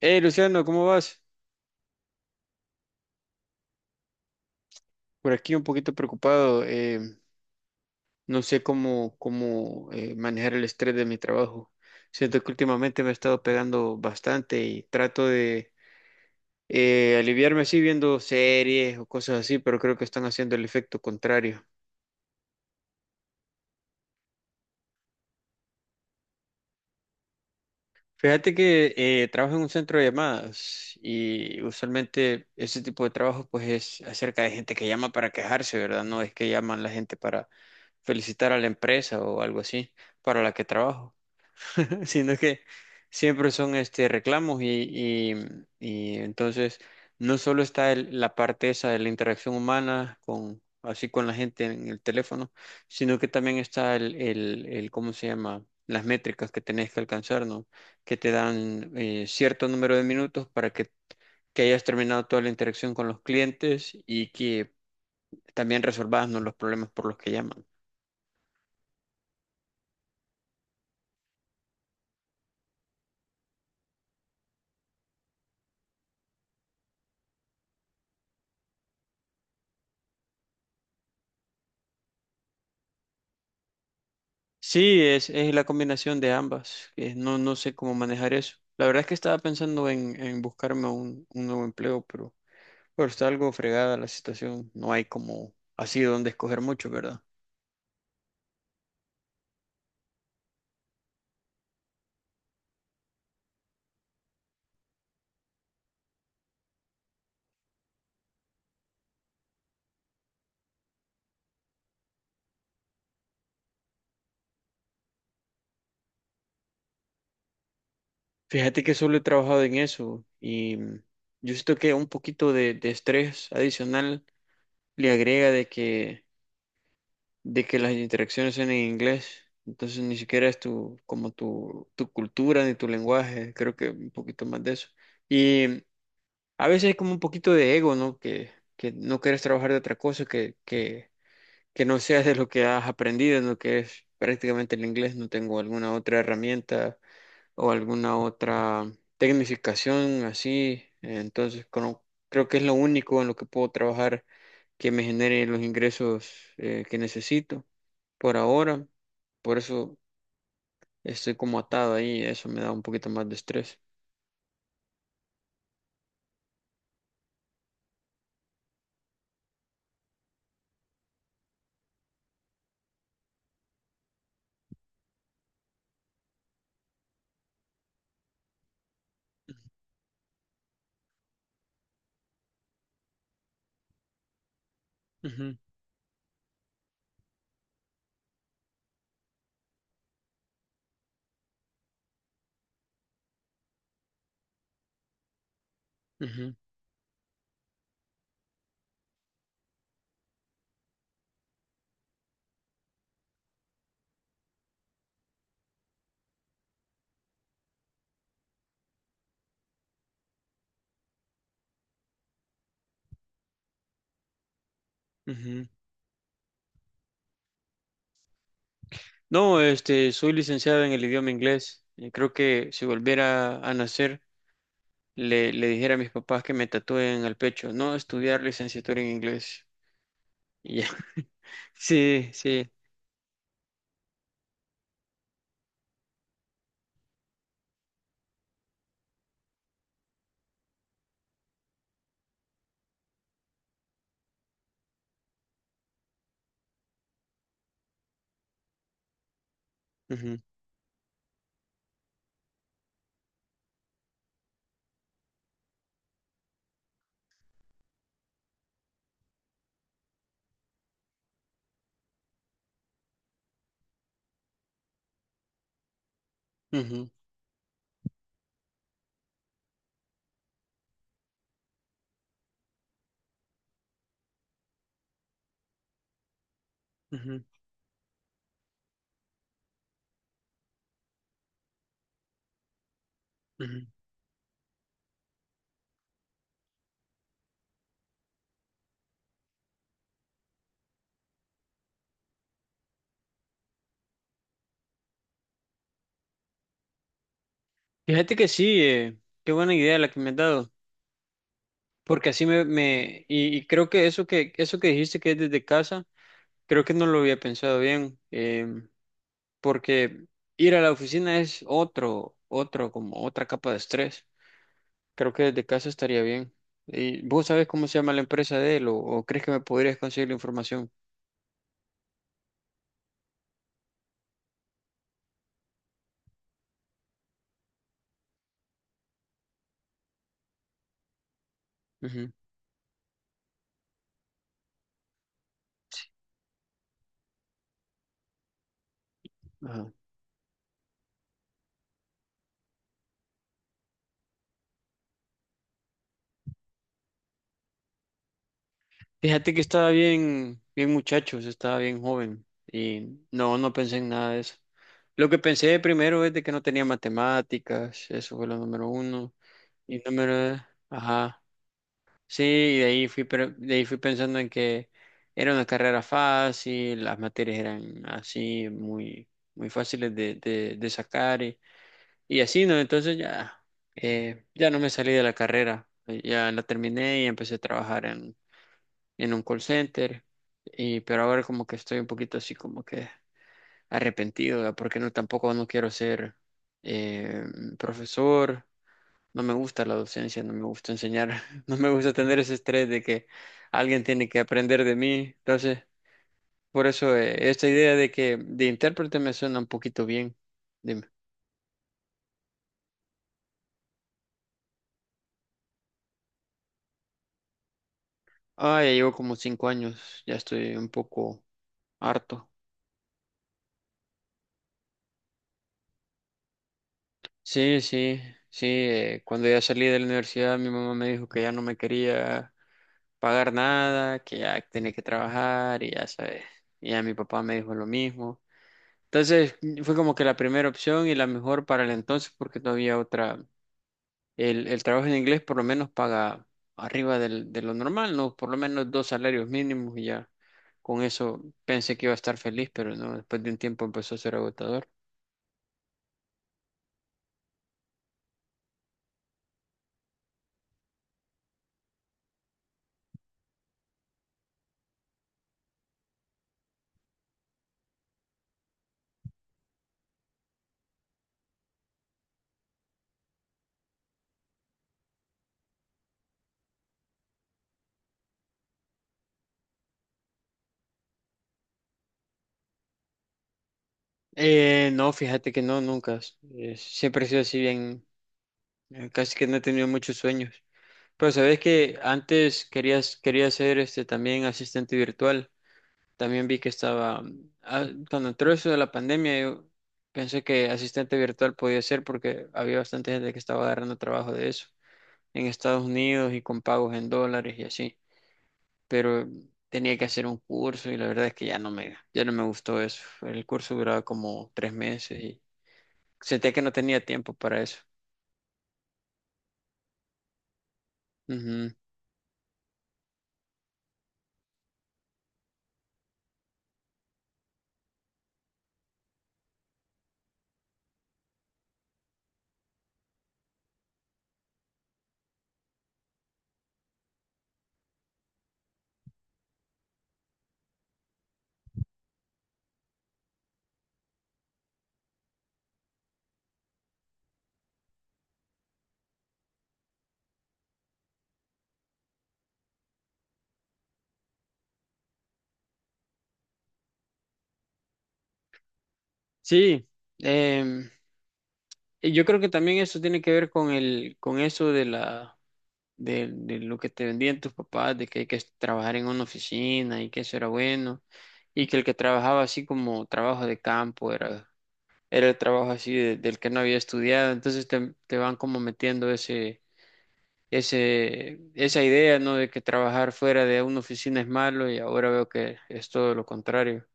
Hey, Luciano, ¿cómo vas? Por aquí un poquito preocupado. No sé cómo manejar el estrés de mi trabajo. Siento que últimamente me ha estado pegando bastante y trato de aliviarme así viendo series o cosas así, pero creo que están haciendo el efecto contrario. Fíjate que trabajo en un centro de llamadas y usualmente ese tipo de trabajo pues es acerca de gente que llama para quejarse, ¿verdad? No es que llaman la gente para felicitar a la empresa o algo así para la que trabajo, sino que siempre son este reclamos y entonces no solo está la parte esa de la interacción humana con así con la gente en el teléfono, sino que también está el ¿cómo se llama? Las métricas que tenés que alcanzar, ¿no? Que te dan cierto número de minutos para que hayas terminado toda la interacción con los clientes y que también resolvas, ¿no?, los problemas por los que llaman. Sí, es la combinación de ambas. No sé cómo manejar eso. La verdad es que estaba pensando en buscarme un nuevo empleo, pero está algo fregada la situación. No hay como así donde escoger mucho, ¿verdad? Fíjate que solo he trabajado en eso y yo siento que un poquito de estrés adicional le agrega de de que las interacciones son en inglés. Entonces ni siquiera es tu cultura ni tu lenguaje. Creo que un poquito más de eso. A veces hay como un poquito de ego, ¿no? Que no quieres trabajar de otra cosa, que no seas de lo que has aprendido, en lo que es prácticamente el inglés. No tengo alguna otra herramienta o alguna otra tecnificación así. Entonces, creo que es lo único en lo que puedo trabajar que me genere los ingresos que necesito por ahora. Por eso estoy como atado ahí. Eso me da un poquito más de estrés. Ujú, ujú, ujú. No, este, soy licenciado en el idioma inglés. Y creo que si volviera a nacer, le dijera a mis papás que me tatúen al pecho, no estudiar licenciatura en inglés. Y ya. Sí, sí. Ujú, ujú, ujú, ujú. Fíjate que sí, qué buena idea la que me has dado, porque así me y creo que eso que dijiste que es desde casa, creo que no lo había pensado bien, porque ir a la oficina es como otra capa de estrés. Creo que desde casa estaría bien. ¿Y vos sabés cómo se llama la empresa de él o crees que me podrías conseguir la información? Ujú, ajá. Fíjate que estaba bien muchachos, estaba bien joven y no pensé en nada de eso. Lo que pensé primero es de que no tenía matemáticas, eso fue lo número uno. Y número, ajá, sí, y de ahí de ahí fui pensando en que era una carrera fácil, las materias eran así, muy fáciles de sacar. Y así, ¿no? Entonces ya, ya no me salí de la carrera, ya la terminé y empecé a trabajar en un call center, y, pero ahora como que estoy un poquito así como que arrepentido, ¿verdad? Porque no, tampoco no quiero ser eh, profesor, no me gusta la docencia, no me gusta enseñar, no me gusta tener ese estrés de que alguien tiene que aprender de mí, entonces por eso esta idea de que de intérprete me suena un poquito bien. Dime. Ah, ya llevo como cinco años, ya estoy un poco harto. Sí, sí, sí. Cuando ya salí de la universidad, mi mamá me dijo que ya no me quería pagar nada, que ya tenía que trabajar y ya sabes. Y ya mi papá me dijo lo mismo. Entonces fue como que la primera opción y la mejor para el entonces porque no había otra. El trabajo en inglés por lo menos paga arriba de lo normal, ¿no? Por lo menos dos salarios mínimos y ya con eso pensé que iba a estar feliz, pero no, después de un tiempo empezó a ser agotador. No, fíjate que no, nunca. Siempre he sido así bien, casi que no he tenido muchos sueños. Pero sabes que antes quería ser este también asistente virtual. También vi que estaba, ah, cuando entró eso de la pandemia, yo pensé que asistente virtual podía ser porque había bastante gente que estaba agarrando trabajo de eso en Estados Unidos y con pagos en dólares y así. Pero tenía que hacer un curso y la verdad es que ya no ya no me gustó eso. El curso duraba como tres meses y sentía que no tenía tiempo para eso. Ujú. Sí, em, y yo creo que también eso tiene que ver con con eso de de lo que te vendían tus papás, de que hay que trabajar en una oficina y que eso era bueno, y que el que trabajaba así como trabajo de campo era el trabajo así del que no había estudiado, entonces te van como metiendo esa idea, ¿no?, de que trabajar fuera de una oficina es malo y ahora veo que es todo lo contrario.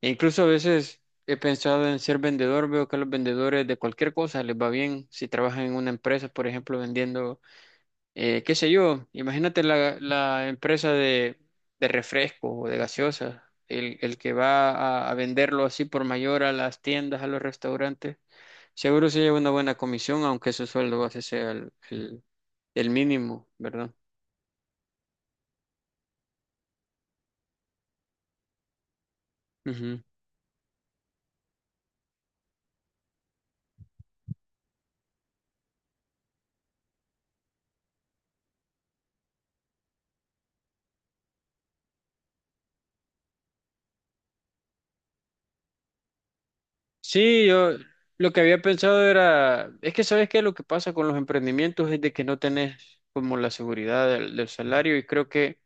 E incluso a veces he pensado en ser vendedor, veo que a los vendedores de cualquier cosa les va bien si trabajan en una empresa, por ejemplo, vendiendo, qué sé yo, imagínate la empresa de refrescos o de gaseosas. El que va a venderlo así por mayor a las tiendas, a los restaurantes, seguro se lleva una buena comisión, aunque su sueldo base sea el mínimo, ¿verdad? Ujú. Sí, yo lo que había pensado es que sabes que lo que pasa con los emprendimientos es de que no tenés como la seguridad del salario y creo que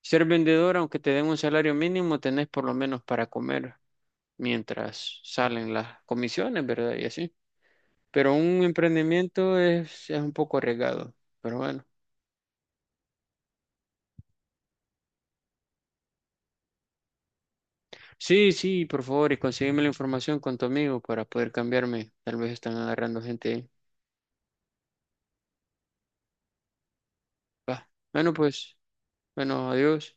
ser vendedor, aunque te den un salario mínimo, tenés por lo menos para comer mientras salen las comisiones, ¿verdad? Y así. Pero un emprendimiento es un poco arriesgado, pero bueno. Sí, sí, por favor, y consígueme la información con tu amigo para poder cambiarme. Tal vez están agarrando gente. Va. Bueno, pues, bueno, adiós.